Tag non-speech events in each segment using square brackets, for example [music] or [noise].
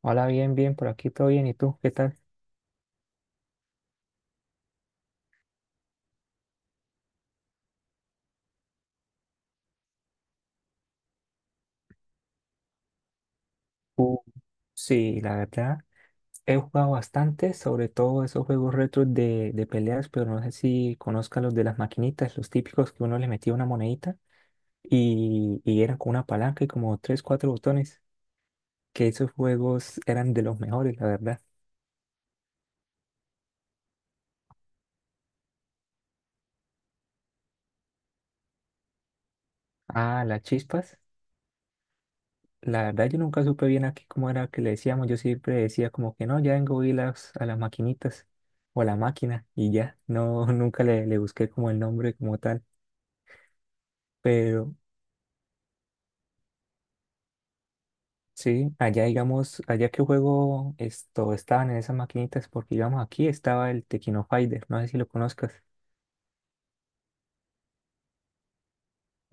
Hola, bien, bien, por aquí todo bien. ¿Y tú? ¿Qué tal? Uh, sí, la verdad, he jugado bastante, sobre todo esos juegos retros de peleas, pero no sé si conozcas los de las maquinitas, los típicos que uno le metía una monedita y eran con una palanca y como tres, cuatro botones, que esos juegos eran de los mejores, la verdad. Ah, las chispas. La verdad yo nunca supe bien aquí cómo era que le decíamos, yo siempre decía como que no, ya vengo y a las maquinitas o a la máquina y ya, no, [laughs] nunca le busqué como el nombre como tal, pero sí, allá digamos, allá que juego esto, estaban en esas maquinitas porque digamos aquí estaba el Tequino Fighter, no sé si lo conozcas.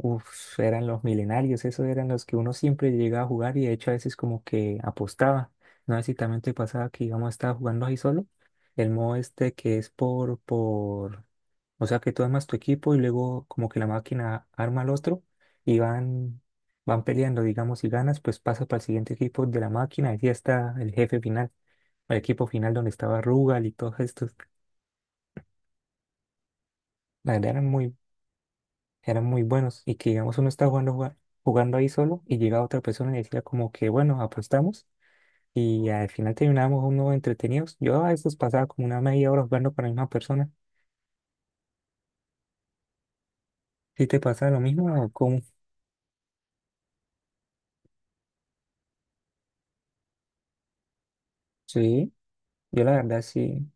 Uf, eran los milenarios, esos eran los que uno siempre llegaba a jugar y de hecho a veces como que apostaba, no sé si también te pasaba que íbamos a estar jugando ahí solo. El modo este que es. Por O sea que tú armas tu equipo y luego como que la máquina arma al otro y van peleando, digamos, si ganas, pues pasa para el siguiente equipo de la máquina y ya está el jefe final, el equipo final donde estaba Rugal y todos estos. La verdad eran muy buenos y que digamos uno está jugando, jugando, jugando ahí solo y llega otra persona y decía como que bueno, apostamos y al final terminábamos uno entretenidos. Yo a veces pasaba como una media hora jugando con la misma persona. ¿Sí te pasa lo mismo o cómo? Sí, yo la verdad sí.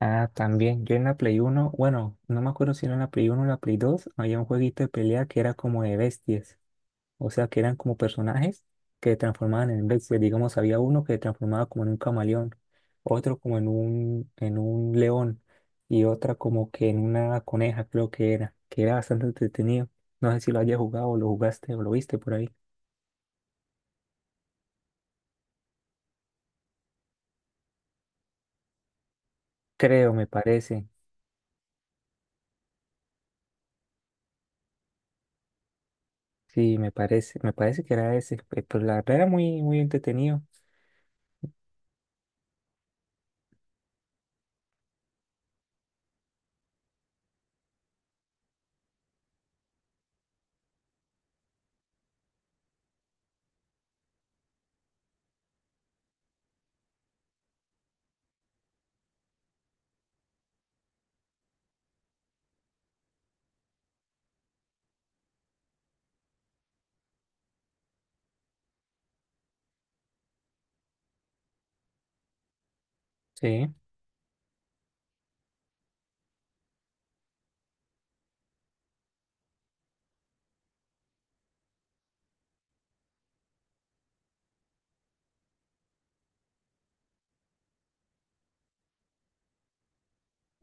Ah, también. Yo en la Play uno, bueno, no me acuerdo si era en la Play uno, o la Play 2, había un jueguito de pelea que era como de bestias. O sea, que eran como personajes que se transformaban en bestias. Digamos, había uno que se transformaba como en un camaleón, otro como en un león y otra como que en una coneja, creo que era bastante entretenido. No sé si lo hayas jugado o lo jugaste o lo viste por ahí. Creo, me parece. Sí, me parece. Me parece que era ese. Pero la verdad era muy, muy entretenido. Sí,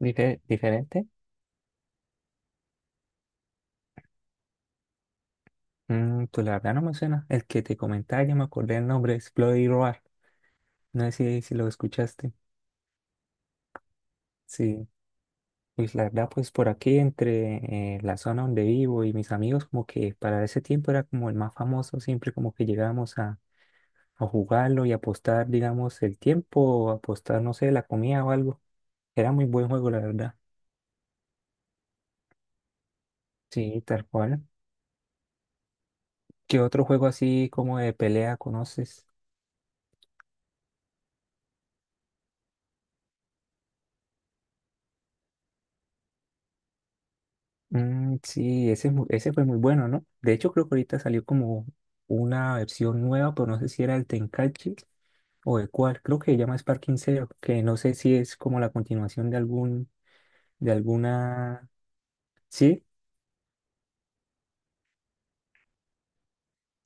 diferente. Pues la verdad no me suena. El que te comentaba, ya me acordé el nombre, es Bloody Roar. No sé si lo escuchaste. Sí, pues la verdad, pues por aquí, entre la zona donde vivo y mis amigos, como que para ese tiempo era como el más famoso, siempre como que llegábamos a jugarlo y apostar, digamos, el tiempo, o apostar, no sé, la comida o algo. Era muy buen juego, la verdad. Sí, tal cual. ¿Qué otro juego así como de pelea conoces? Mm, sí, ese fue muy bueno, ¿no? De hecho, creo que ahorita salió como una versión nueva, pero no sé si era el Tenkaichi o de cuál. Creo que se llama Sparking Zero, que no sé si es como la continuación de alguna... ¿Sí?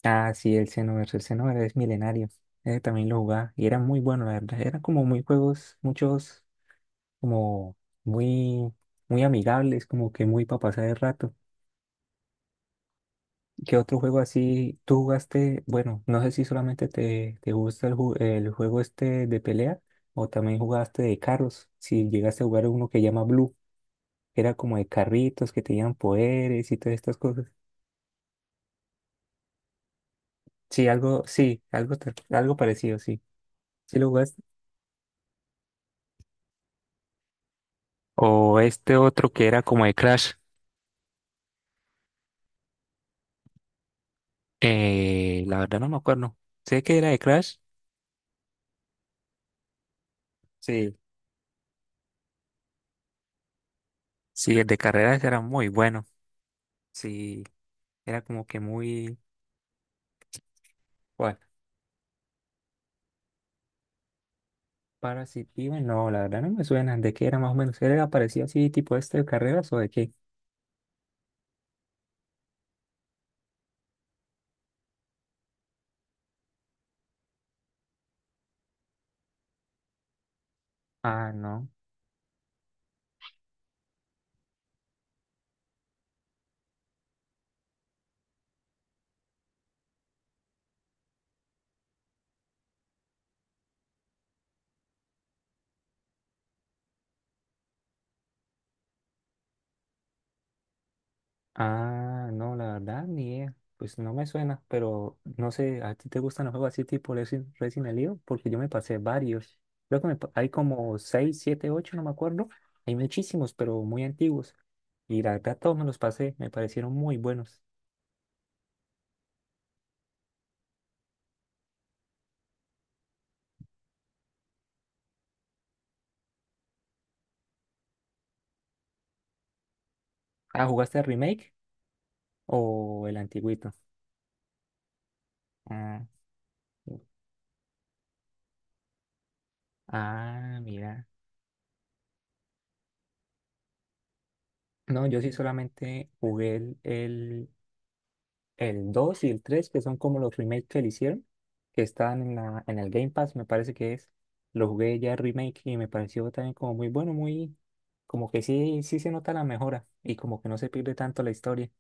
Ah, sí, el Xenoverse. El Xenoverse es milenario. Ese también lo jugaba y era muy bueno, la verdad. Eran como muy juegos, muchos como muy, muy amigables, como que muy para pasar el rato. ¿Qué otro juego así tú jugaste? Bueno, no sé si solamente te gusta el juego este de pelea o también jugaste de carros. Si llegaste a jugar uno que llama Blue, que era como de carritos que tenían poderes y todas estas cosas. Sí, algo, algo parecido, sí. ¿Sí lo jugaste? O este otro que era como de Crash. La verdad no me acuerdo. Sé que era de Crash. Sí. Sí, el de carreras era muy bueno. Sí, era como que muy... Parasitivo, no, la verdad no me suena. ¿De qué era más o menos? ¿Era parecido así, tipo este de carreras o de qué? Ah, no. Ah, no, la verdad ni idea. Pues no me suena, pero no sé, ¿a ti te gustan los juegos así tipo Resident Evil? Porque yo me pasé varios. Creo que hay como 6, 7, 8, no me acuerdo. Hay muchísimos, pero muy antiguos. Y la verdad todos me los pasé, me parecieron muy buenos. Ah, ¿jugaste el remake o el antiguito? Ah, sí. Ah, mira. No, yo sí solamente jugué el 2 y el 3 que son como los remakes que le hicieron, que están en el Game Pass, me parece que es. Lo jugué ya el remake y me pareció también como muy bueno, como que sí, sí se nota la mejora y como que no se pierde tanto la historia.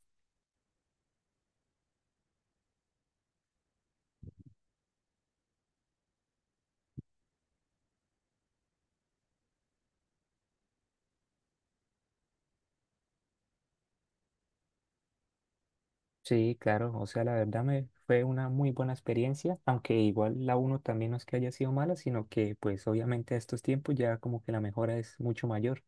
Sí, claro, o sea, la verdad me fue una muy buena experiencia, aunque igual la uno también no es que haya sido mala, sino que pues obviamente a estos tiempos ya como que la mejora es mucho mayor,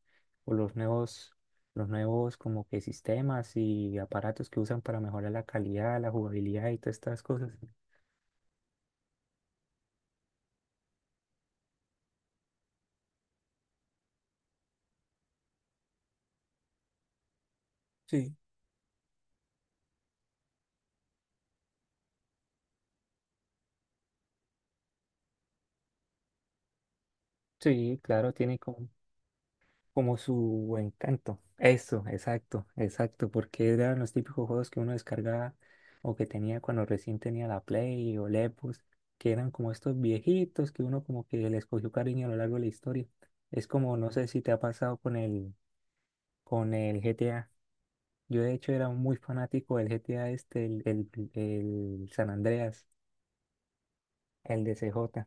o los nuevos como que sistemas y aparatos que usan para mejorar la calidad, la jugabilidad y todas estas cosas. Sí. Sí, claro, tiene como su encanto. Eso, exacto, exacto, porque eran los típicos juegos que uno descargaba o que tenía cuando recién tenía la Play o la Xbox, que eran como estos viejitos que uno como que les cogió cariño a lo largo de la historia. Es como, no sé si te ha pasado con el, GTA. Yo de hecho era muy fanático del GTA este, el San Andreas, el de CJ.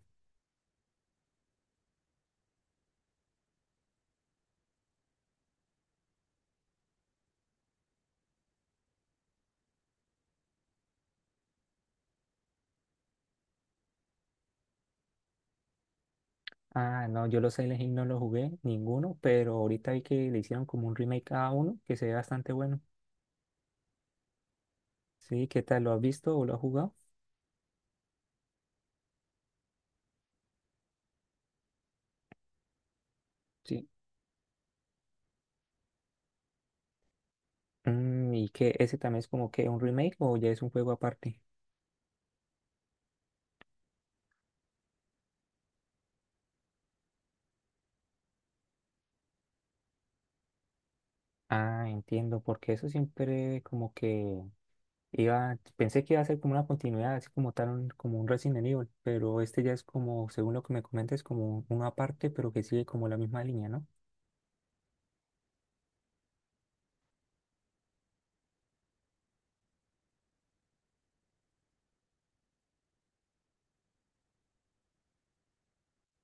Ah, no, yo los Silent Hill no los jugué, ninguno, pero ahorita vi que le hicieron como un remake a uno que se ve bastante bueno. Sí, ¿qué tal? ¿Lo has visto o lo has jugado? Sí. ¿Y qué? ¿Ese también es como que un remake o ya es un juego aparte? Ah, entiendo, porque eso siempre como que iba, pensé que iba a ser como una continuidad, así como tal, como un Resident Evil, pero este ya es como, según lo que me comentas, como uno aparte, pero que sigue como la misma línea, ¿no?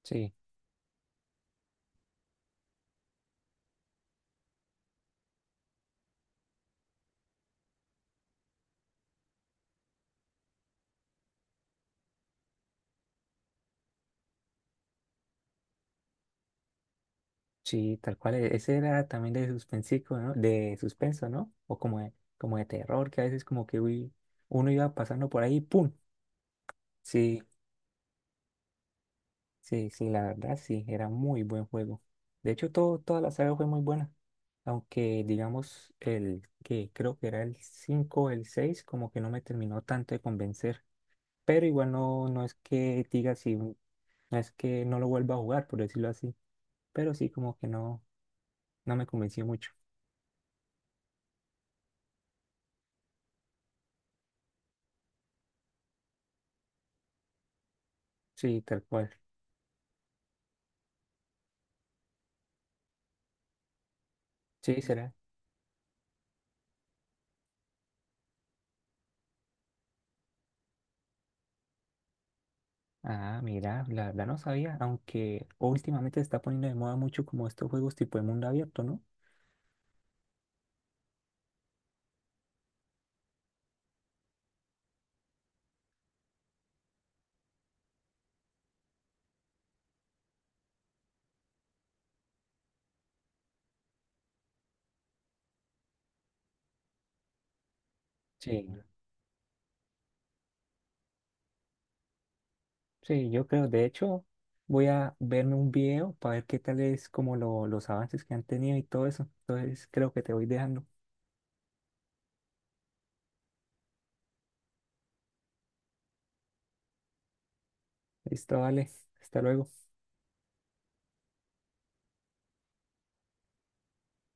Sí. Sí, tal cual, ese era también de suspensico, ¿no? De suspenso, ¿no? O como de terror, que a veces como que uy, uno iba pasando por ahí, ¡pum! Sí, sí, sí, la verdad sí, era muy buen juego. De hecho, toda la saga fue muy buena. Aunque, digamos, el que creo que era el 5, o el 6, como que no me terminó tanto de convencer. Pero igual no, no es que diga no es que no lo vuelva a jugar, por decirlo así. Pero sí, como que no, no me convenció mucho. Sí, tal cual. Sí, será. Ah, mira, la verdad no sabía, aunque últimamente se está poniendo de moda mucho como estos juegos tipo de mundo abierto, ¿no? Sí. Sí, yo creo, de hecho, voy a verme un video para ver qué tal es como los avances que han tenido y todo eso. Entonces, creo que te voy dejando. Listo, vale. Hasta luego.